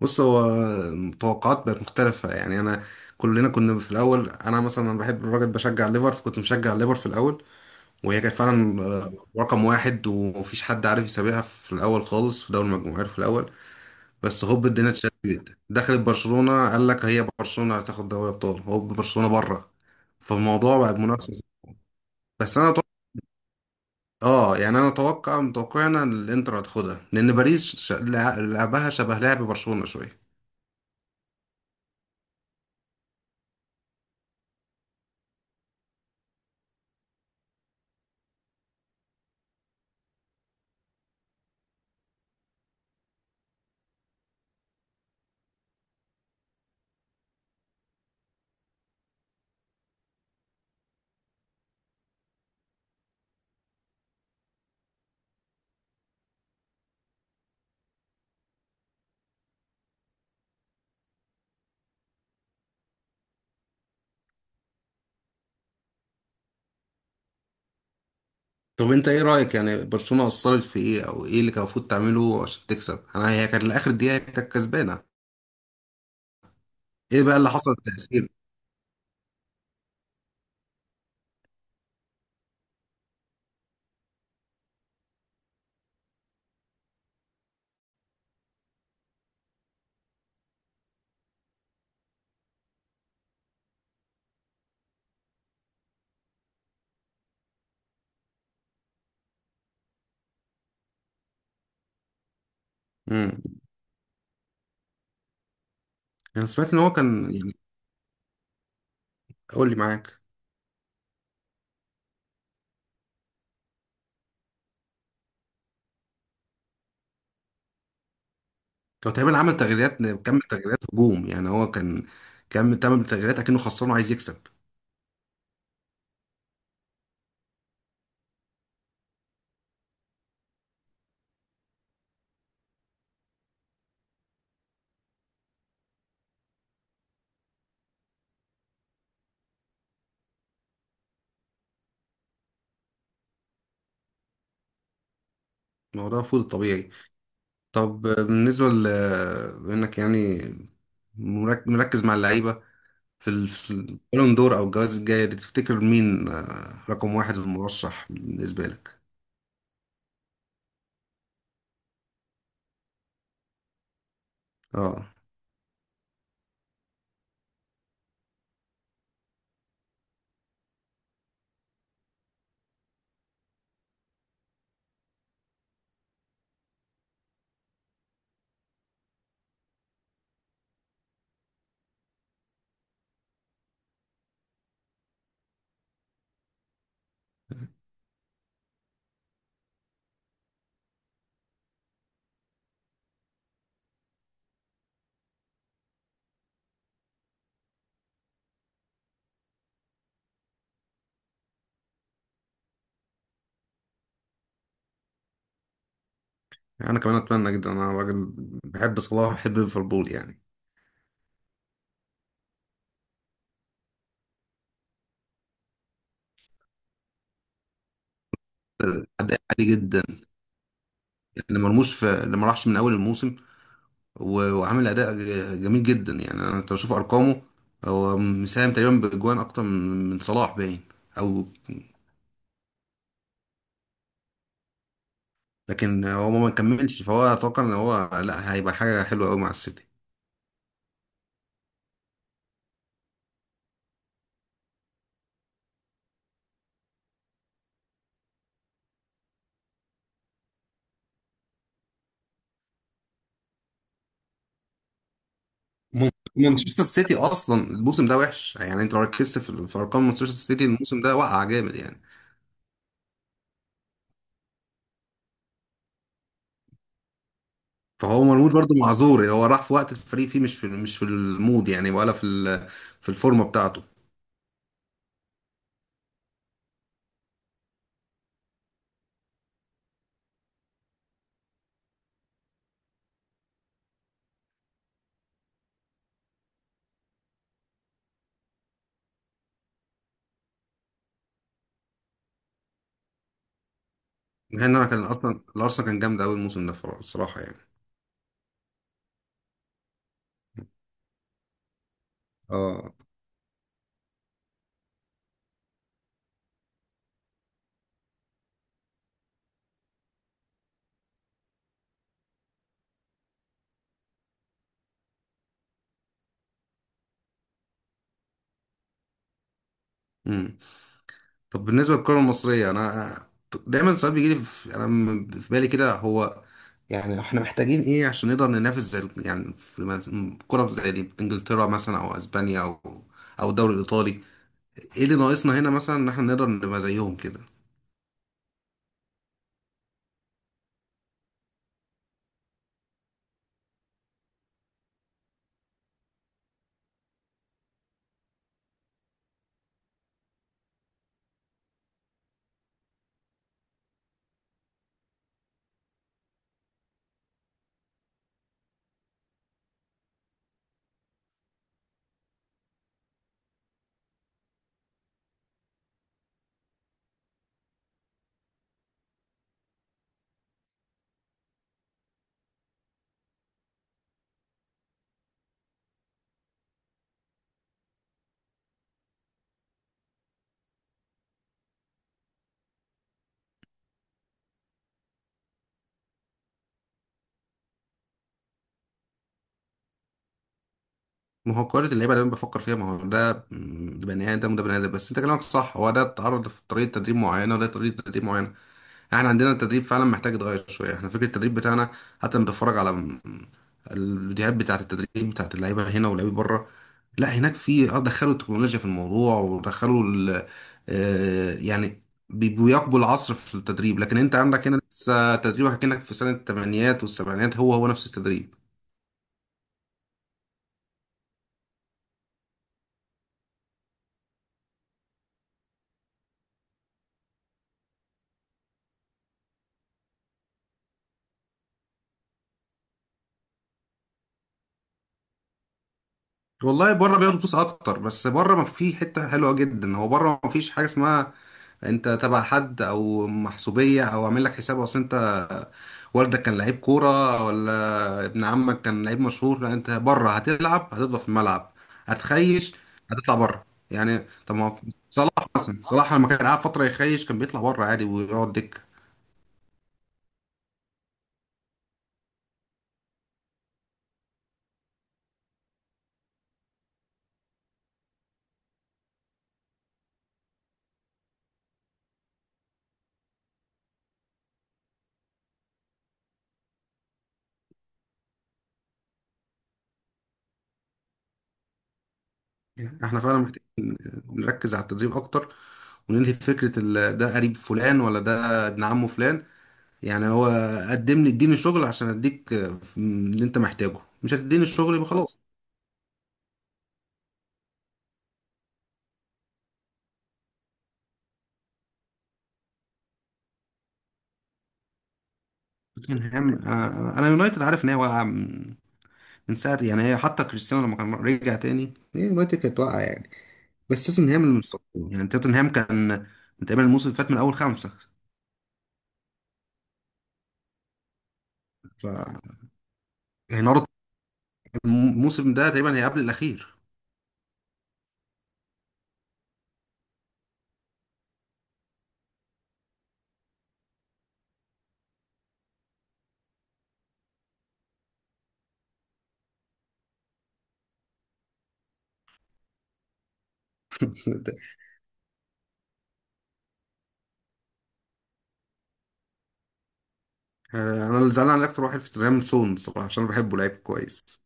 بص هو التوقعات بقت مختلفة، يعني كلنا كنا في الأول، أنا مثلا أنا بحب الراجل، بشجع ليفر، فكنت مشجع ليفر في الأول. وهي كانت فعلا رقم واحد ومفيش حد عارف يسابقها في الأول خالص، في دوري المجموعات في الأول. بس هوب الدنيا اتشقلبت، دخلت برشلونة، قال لك هي برشلونة هتاخد دوري أبطال، هوب برشلونة بره. فالموضوع بقى منافسة. بس أنا أتوقع، اه يعني انا متوقع انا إن الانتر هتاخدها، لان باريس لعبها شبه لعب برشلونة شويه. طب انت ايه رأيك؟ يعني برشلونة قصرت في ايه، او ايه اللي كان المفروض تعمله عشان تكسب؟ انا هي كانت لاخر دقيقة كانت كسبانة. ايه بقى اللي حصل، التأثير؟ امم انا سمعت ان هو كان يعني، قول لي معاك. هو تقريبا عمل تغييرات، كم تغييرات هجوم، يعني هو كان كم، تمام، تغييرات اكنه خسران وعايز يكسب. الموضوع المفروض الطبيعي. طب بالنسبة ل يعني مركز مع اللعيبة، في في البالون دور او الجوائز الجاية دي، تفتكر مين رقم واحد المرشح بالنسبة لك؟ اه. انا كمان اتمنى جدا. انا راجل بحب صلاح، بحب ليفربول يعني. اداء عالي جدا، اللي مرموش، في اللي ما راحش من اول الموسم وعامل اداء جميل جدا، يعني انا انت بشوف ارقامه. هو مساهم تقريبا باجوان اكتر من صلاح، باين. او لكن هو ما كملش، فهو اتوقع ان هو لا هيبقى حاجه حلوه قوي مع السيتي. مون- مانشستر سيتي اصلا الموسم ده وحش، يعني انت لو ركزت في ارقام مانشستر سيتي الموسم ده، وقع جامد يعني. فهو مرموش برضه معذور، يعني هو راح في وقت الفريق فيه، مش في المود يعني، ولا في في الفورمه بتاعته. يعني انا كان الارسنال كان جامد قوي الموسم ده الصراحه يعني. اه. امم طب بالنسبه للكره المصريه، انا دايما ساعات بيجي لي، في انا في بالي كده. هو يعني احنا محتاجين ايه عشان نقدر ننافس زي يعني في كره زي دي، انجلترا مثلا او اسبانيا او او الدوري الايطالي؟ ايه اللي ناقصنا هنا مثلا ان احنا نقدر نبقى زيهم كده؟ ما هو كرة اللعيبة اللي انا بفكر فيها، ما هو ده ده بني ادم وده بني ادم، بس انت كلامك صح. هو ده اتعرض في طريقة تدريب معينة، وده طريقة تدريب معينة. احنا عندنا التدريب فعلا محتاج يتغير شوية، احنا فكرة التدريب بتاعنا، حتى لما بتتفرج على الفيديوهات بتاعة التدريب بتاعة اللعيبة هنا واللعيبة بره، لا هناك، في اه دخلوا التكنولوجيا في الموضوع، ودخلوا يعني بيواكبوا العصر في التدريب. لكن انت عندك هنا لسه تدريبك كأنك في سنة الثمانينات والسبعينات، هو هو نفس التدريب. والله بره بياخدوا فلوس اكتر، بس بره ما في حته حلوه جدا، هو بره ما فيش حاجه اسمها انت تبع حد او محسوبيه او عامل لك حساب. اصل انت والدك كان لعيب كوره، ولا ابن عمك كان لعيب مشهور. لا، انت بره هتلعب، هتفضل في الملعب، هتخيش، هتطلع بره يعني. طب ما هو صلاح مثلا، صلاح لما كان قاعد فتره يخيش، كان بيطلع بره عادي ويقعد دكه. احنا فعلا محتاجين نركز على التدريب اكتر، وننهي فكره ده قريب فلان ولا ده ابن عمه فلان. يعني هو قدم لي، اديني شغل عشان اديك اللي انت محتاجه. مش هتديني الشغل يبقى خلاص. توتنهام، انا يونايتد عارف ان هي واقعه من ساعه، يعني هي حتى كريستيانو لما كان رجع تاني، هي يونايتد كانت واقعه يعني. بس توتنهام اللي متصدر، يعني توتنهام كان من تقريبا الموسم اللي فات من اول خمسه. ف يعني الموسم ده تقريبا هي قبل الاخير. انا اللي زعلان على اكتر واحد في توتنهام سون الصراحه، عشان أنا بحبه لعيب كويس.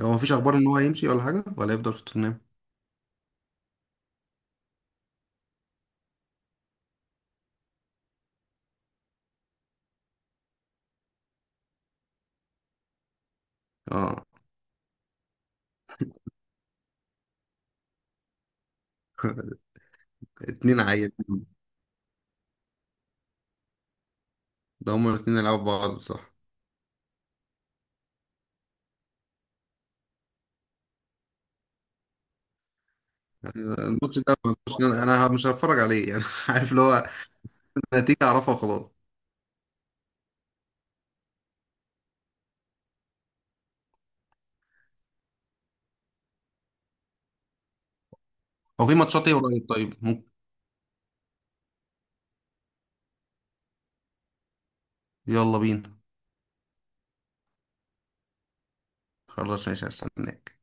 هو مفيش اخبار ان هو هيمشي ولا حاجه، ولا هيفضل في توتنهام؟ اه. اتنين عيل، ده هما الاثنين يلعبوا بعض بصح. يعني الماتش ده ما أظنش إن انا مش هتفرج عليه يعني. عارف، اللي هو النتيجة اعرفها وخلاص. هو في ماتشات ايه قريب؟ طيب ممكن. يلا بينا. خلاص ماشي، هستناك.